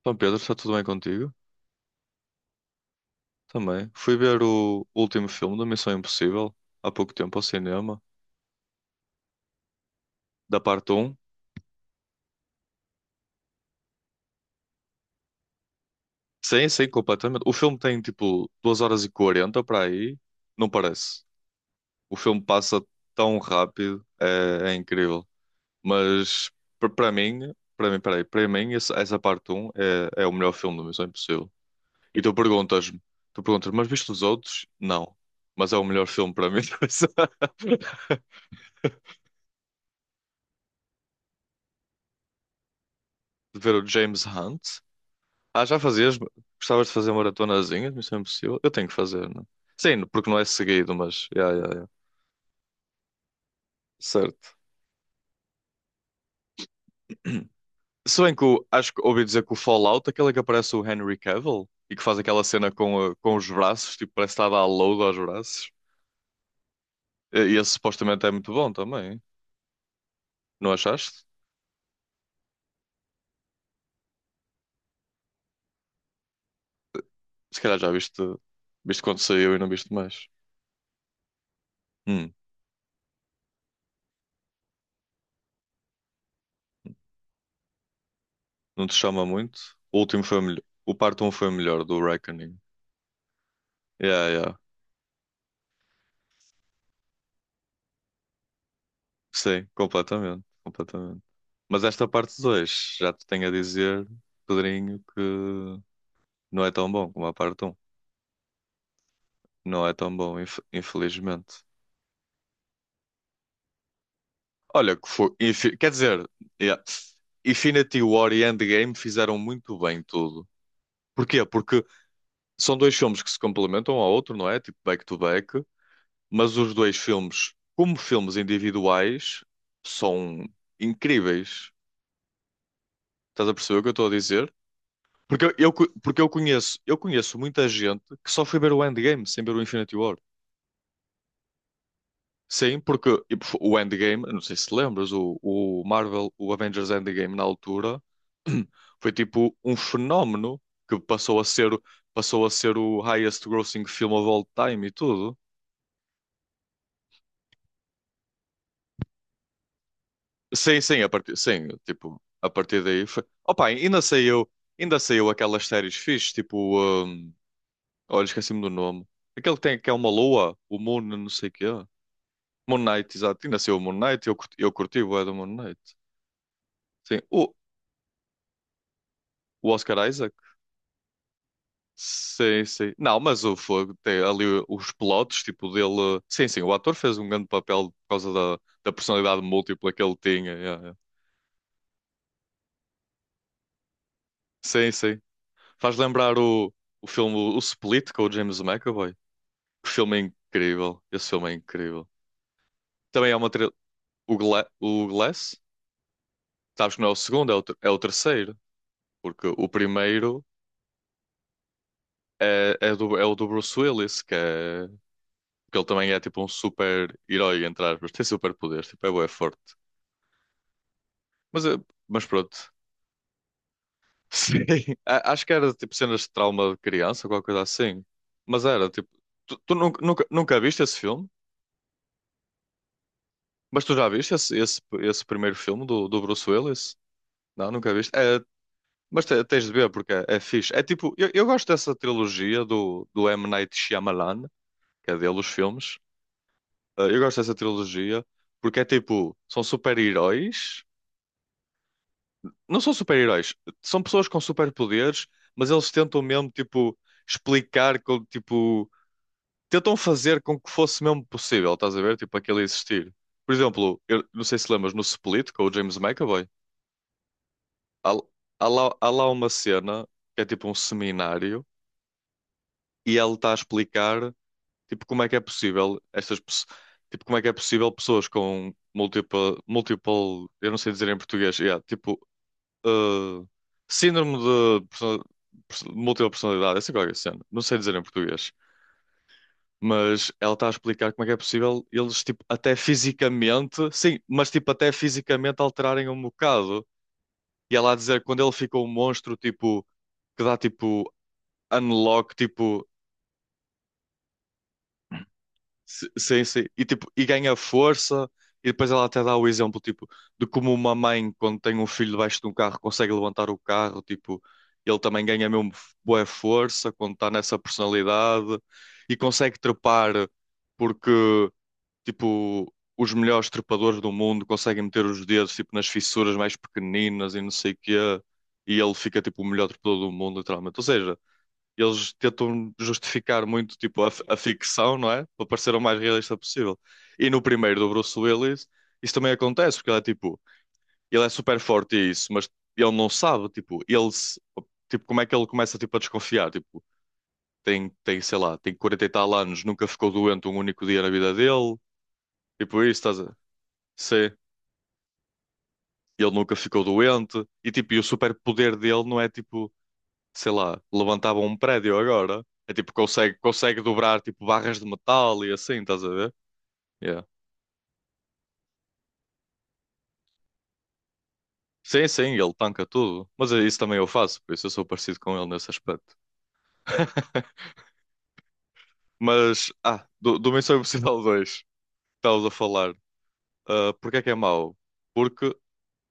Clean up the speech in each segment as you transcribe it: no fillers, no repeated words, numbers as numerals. Então, Pedro, está tudo bem contigo? Também. Fui ver o último filme da Missão Impossível há pouco tempo ao cinema, da parte um. Sim, sim, completamente. O filme tem tipo 2h40 para aí. Não parece. O filme passa tão rápido, é incrível. Mas para mim, peraí, para mim essa parte um é o melhor filme da Missão Impossível. E tu perguntas, mas viste os outros? Não. Mas é o melhor filme para mim. De ver o James Hunt. Ah, já fazias? Gostavas de fazer maratonazinhas? Isso é impossível. Eu tenho que fazer, não? É? Sim, porque não é seguido, mas. Ya, ya, ya. Certo. Se bem que acho que ouvi dizer que o Fallout, aquele que aparece o Henry Cavill e que faz aquela cena com os braços, tipo, parece que está a dar load aos braços. E esse supostamente é muito bom também. Não achaste? Se calhar já viste quando saiu e não viste mais. Hum, não te chama muito? O último foi melhor. O parte 1 foi melhor do Reckoning. Yeah, yeah. Sim, completamente, completamente. Mas esta parte 2 já te tenho a dizer, Pedrinho, que não é tão bom como a parte um. Não é tão bom, infelizmente. Olha, que foi, quer dizer, yeah, Infinity War e Endgame fizeram muito bem tudo. Porquê? Porque são dois filmes que se complementam um ao outro, não é? Tipo back to back, mas os dois filmes, como filmes individuais, são incríveis. Estás a perceber o que eu estou a dizer? Porque eu co- porque eu conheço muita gente que só foi ver o Endgame sem ver o Infinity War. Sim, porque o Endgame, eu não sei se lembras, o Marvel, o Avengers Endgame na altura foi tipo um fenómeno que passou a ser o highest grossing film of all time e tudo. Sim, sim, sim, tipo, a partir daí foi. Opa, ainda saiu aquelas séries fixe, tipo, olha, esqueci-me do nome. Aquele que tem que é uma lua, o Moon, não sei o quê. Moon Knight, exato. E nasceu o Moon Knight, eu curti o do Moon Knight. Sim, o Oscar Isaac. Sim, sim. Não, mas o fogo tem ali os plotos, tipo dele. Sim, sim, o ator fez um grande papel por causa da personalidade múltipla que ele tinha. Yeah, yeah. Sim, sim. Faz lembrar o filme O Split com o James McAvoy. Que filme incrível. Esse filme é incrível. Também é uma. O Glass, sabes que não é o segundo, é o terceiro. Porque o primeiro é o do Bruce Willis, que é Porque ele também é tipo um super herói, entre aspas. Tem super poderes, tipo, é bué forte. Mas, eh, mas pronto. Sim. Acho que era tipo cenas de trauma de criança, qualquer coisa assim. Mas era tipo. Tu nunca, nunca, nunca viste esse filme? Mas tu já viste esse, esse primeiro filme do Bruce Willis? Não, nunca viste? É, mas tens de ver porque é fixe. É tipo. Eu gosto dessa trilogia do M. Night Shyamalan, que é dele os filmes. Eu gosto dessa trilogia porque é tipo. São super-heróis. Não são super-heróis, são pessoas com superpoderes, mas eles tentam mesmo, tipo, explicar, como, tipo, tentam fazer com que fosse mesmo possível, estás a ver? Tipo, aquele existir. Por exemplo, eu não sei se lembras, no Split, com o James McAvoy, há, há lá uma cena que é tipo um seminário e ele está a explicar, tipo, como é que é possível estas pessoas, tipo, como é que é possível pessoas com múltipla, multiple, eu não sei dizer em português, yeah, tipo, uh, síndrome de múltipla personalidade, essa é qualquer cena. Não sei dizer em português. Mas ela está a explicar como é que é possível eles, tipo, até fisicamente, sim, mas tipo, até fisicamente alterarem um bocado. E ela a dizer que quando ele ficou um monstro, tipo, que dá tipo unlock, tipo. Sim, sim. E, tipo, e ganha força. E depois ela até dá o exemplo, tipo, de como uma mãe, quando tem um filho debaixo de um carro, consegue levantar o carro, tipo, ele também ganha mesmo boa força quando está nessa personalidade e consegue trepar porque, tipo, os melhores trepadores do mundo conseguem meter os dedos, tipo, nas fissuras mais pequeninas e não sei o quê, e ele fica, tipo, o melhor trepador do mundo, literalmente. Ou seja, eles tentam justificar muito tipo a ficção, não é? Para parecer o mais realista possível. E no primeiro do Bruce Willis, isso também acontece, porque ele é tipo, ele é super forte e isso, mas ele não sabe, tipo, ele se- tipo, como é que ele começa tipo a desconfiar, tipo, tem, sei lá, tem 40 e tal anos, nunca ficou doente um único dia na vida dele, tipo isso, estás a... Sim, ele nunca ficou doente e tipo, o superpoder dele não é tipo sei lá, levantavam um prédio agora. É tipo, consegue dobrar tipo barras de metal e assim, estás a ver? Yeah. Sim, sim, ele tanca tudo. Mas é isso também eu faço, por isso eu sou parecido com ele nesse aspecto. Mas, do Missão Impossível 2, que estavas a falar. Ah, porque é que é mau? Porque,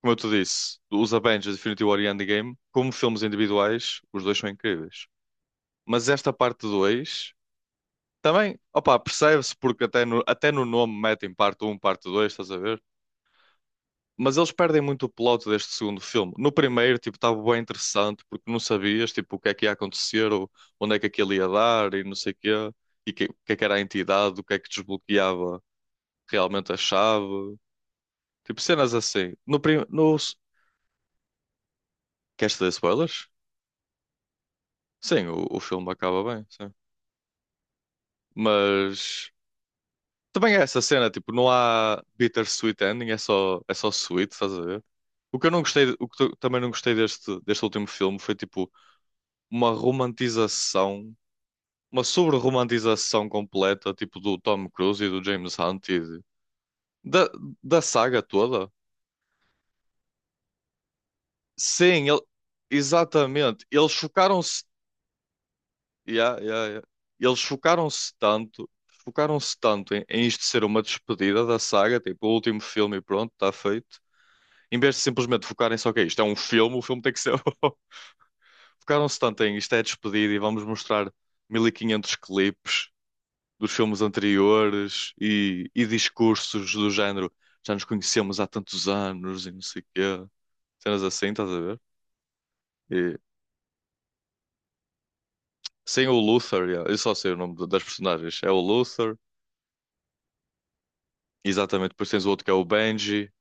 como eu te disse, os Avengers Infinity War e Endgame, como filmes individuais, os dois são incríveis. Mas esta parte 2 também, opa, percebe-se porque até no nome metem parte um, parte dois, estás a ver? Mas eles perdem muito o plot deste segundo filme. No primeiro, tipo, estava bem interessante, porque não sabias, tipo, o que é que ia acontecer, ou onde é que aquilo ia dar, e não sei o quê, e o que é que era a entidade, o que é que desbloqueava realmente a chave. Tipo, cenas assim. No, prim... no... Queres ter spoilers? Sim, o filme acaba bem, sim. Mas também é essa cena, tipo, não há bittersweet ending, é só sweet, estás a ver? O que eu também não gostei deste último filme foi, tipo, uma romantização uma sobre-romantização completa, tipo do Tom Cruise e do James Hunt e da, da saga toda. Sim, exatamente. Eles chocaram-se. Yeah, yeah, yeah. Eles chocaram-se tanto em isto ser uma despedida da saga, tipo o último filme e pronto, está feito. Em vez de simplesmente focarem só que é isto, é um filme, o filme tem que ser. Focaram-se tanto em isto é despedida e vamos mostrar 1.500 clipes dos filmes anteriores e discursos do género já nos conhecemos há tantos anos e não sei o quê. Cenas assim, estás a ver? E, sem o Luther, yeah, eu só sei o nome das personagens. É o Luther, exatamente. Depois tens o outro que é o Benji.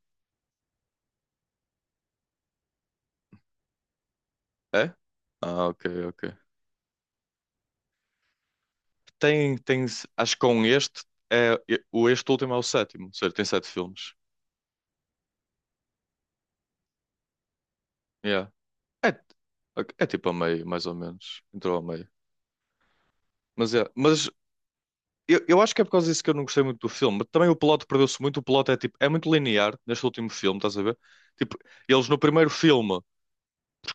É? Ah, ok, ok. Tem, tem, acho que é, o este último é o sétimo, ou seja, tem sete filmes. Yeah. É, é tipo a meio, mais ou menos. Entrou a meio. Mas eu acho que é por causa disso que eu não gostei muito do filme. Também o plot perdeu-se muito. O plot é tipo, é muito linear neste último filme, estás a ver? Tipo, eles no primeiro filme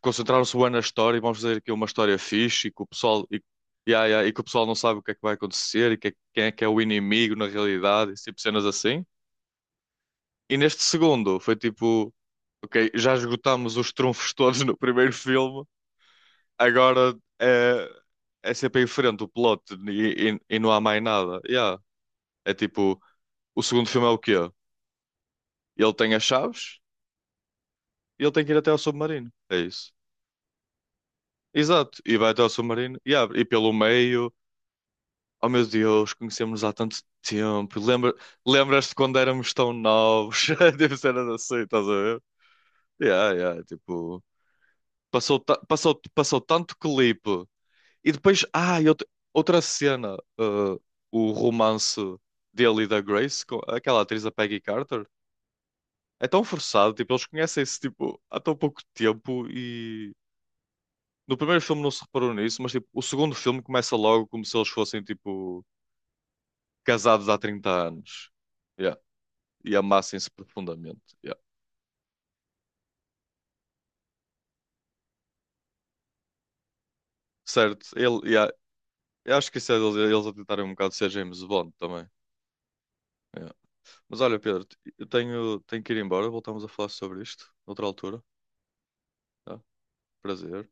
concentraram-se bem na história e vamos fazer aqui uma história fixe e que o pessoal e, ah, e, ah, e que o pessoal não sabe o que é que vai acontecer e que quem é que é o inimigo na realidade, esse tipo de cenas assim. E neste segundo foi tipo, ok, já esgotámos os trunfos todos no primeiro filme, agora é, é, sempre em frente o plot e não há mais nada. Yeah. É tipo. O segundo filme é o quê? Ele tem as chaves e ele tem que ir até ao submarino. É isso. Exato. E vai até ao submarino e abre. E pelo meio, oh meu Deus, conhecemos-nos há tanto tempo. Lembras-te quando éramos tão novos? Deve ser assim, estás a ver? Yeah, yeah, tipo, passou tanto clipe. E depois, outra cena, o romance dele e da Grace, com aquela atriz, a Peggy Carter. É tão forçado, tipo, eles conhecem-se tipo, há tão pouco tempo e no primeiro filme não se reparou nisso, mas tipo, o segundo filme começa logo como se eles fossem tipo casados há 30 anos. Yeah. E amassem-se profundamente. Yeah. Certo, ele, yeah. Eu acho que isso é eles a tentarem um bocado ser James Bond também. Yeah. Mas olha, Pedro, eu tenho que ir embora, voltamos a falar sobre isto noutra altura. Tá? Prazer.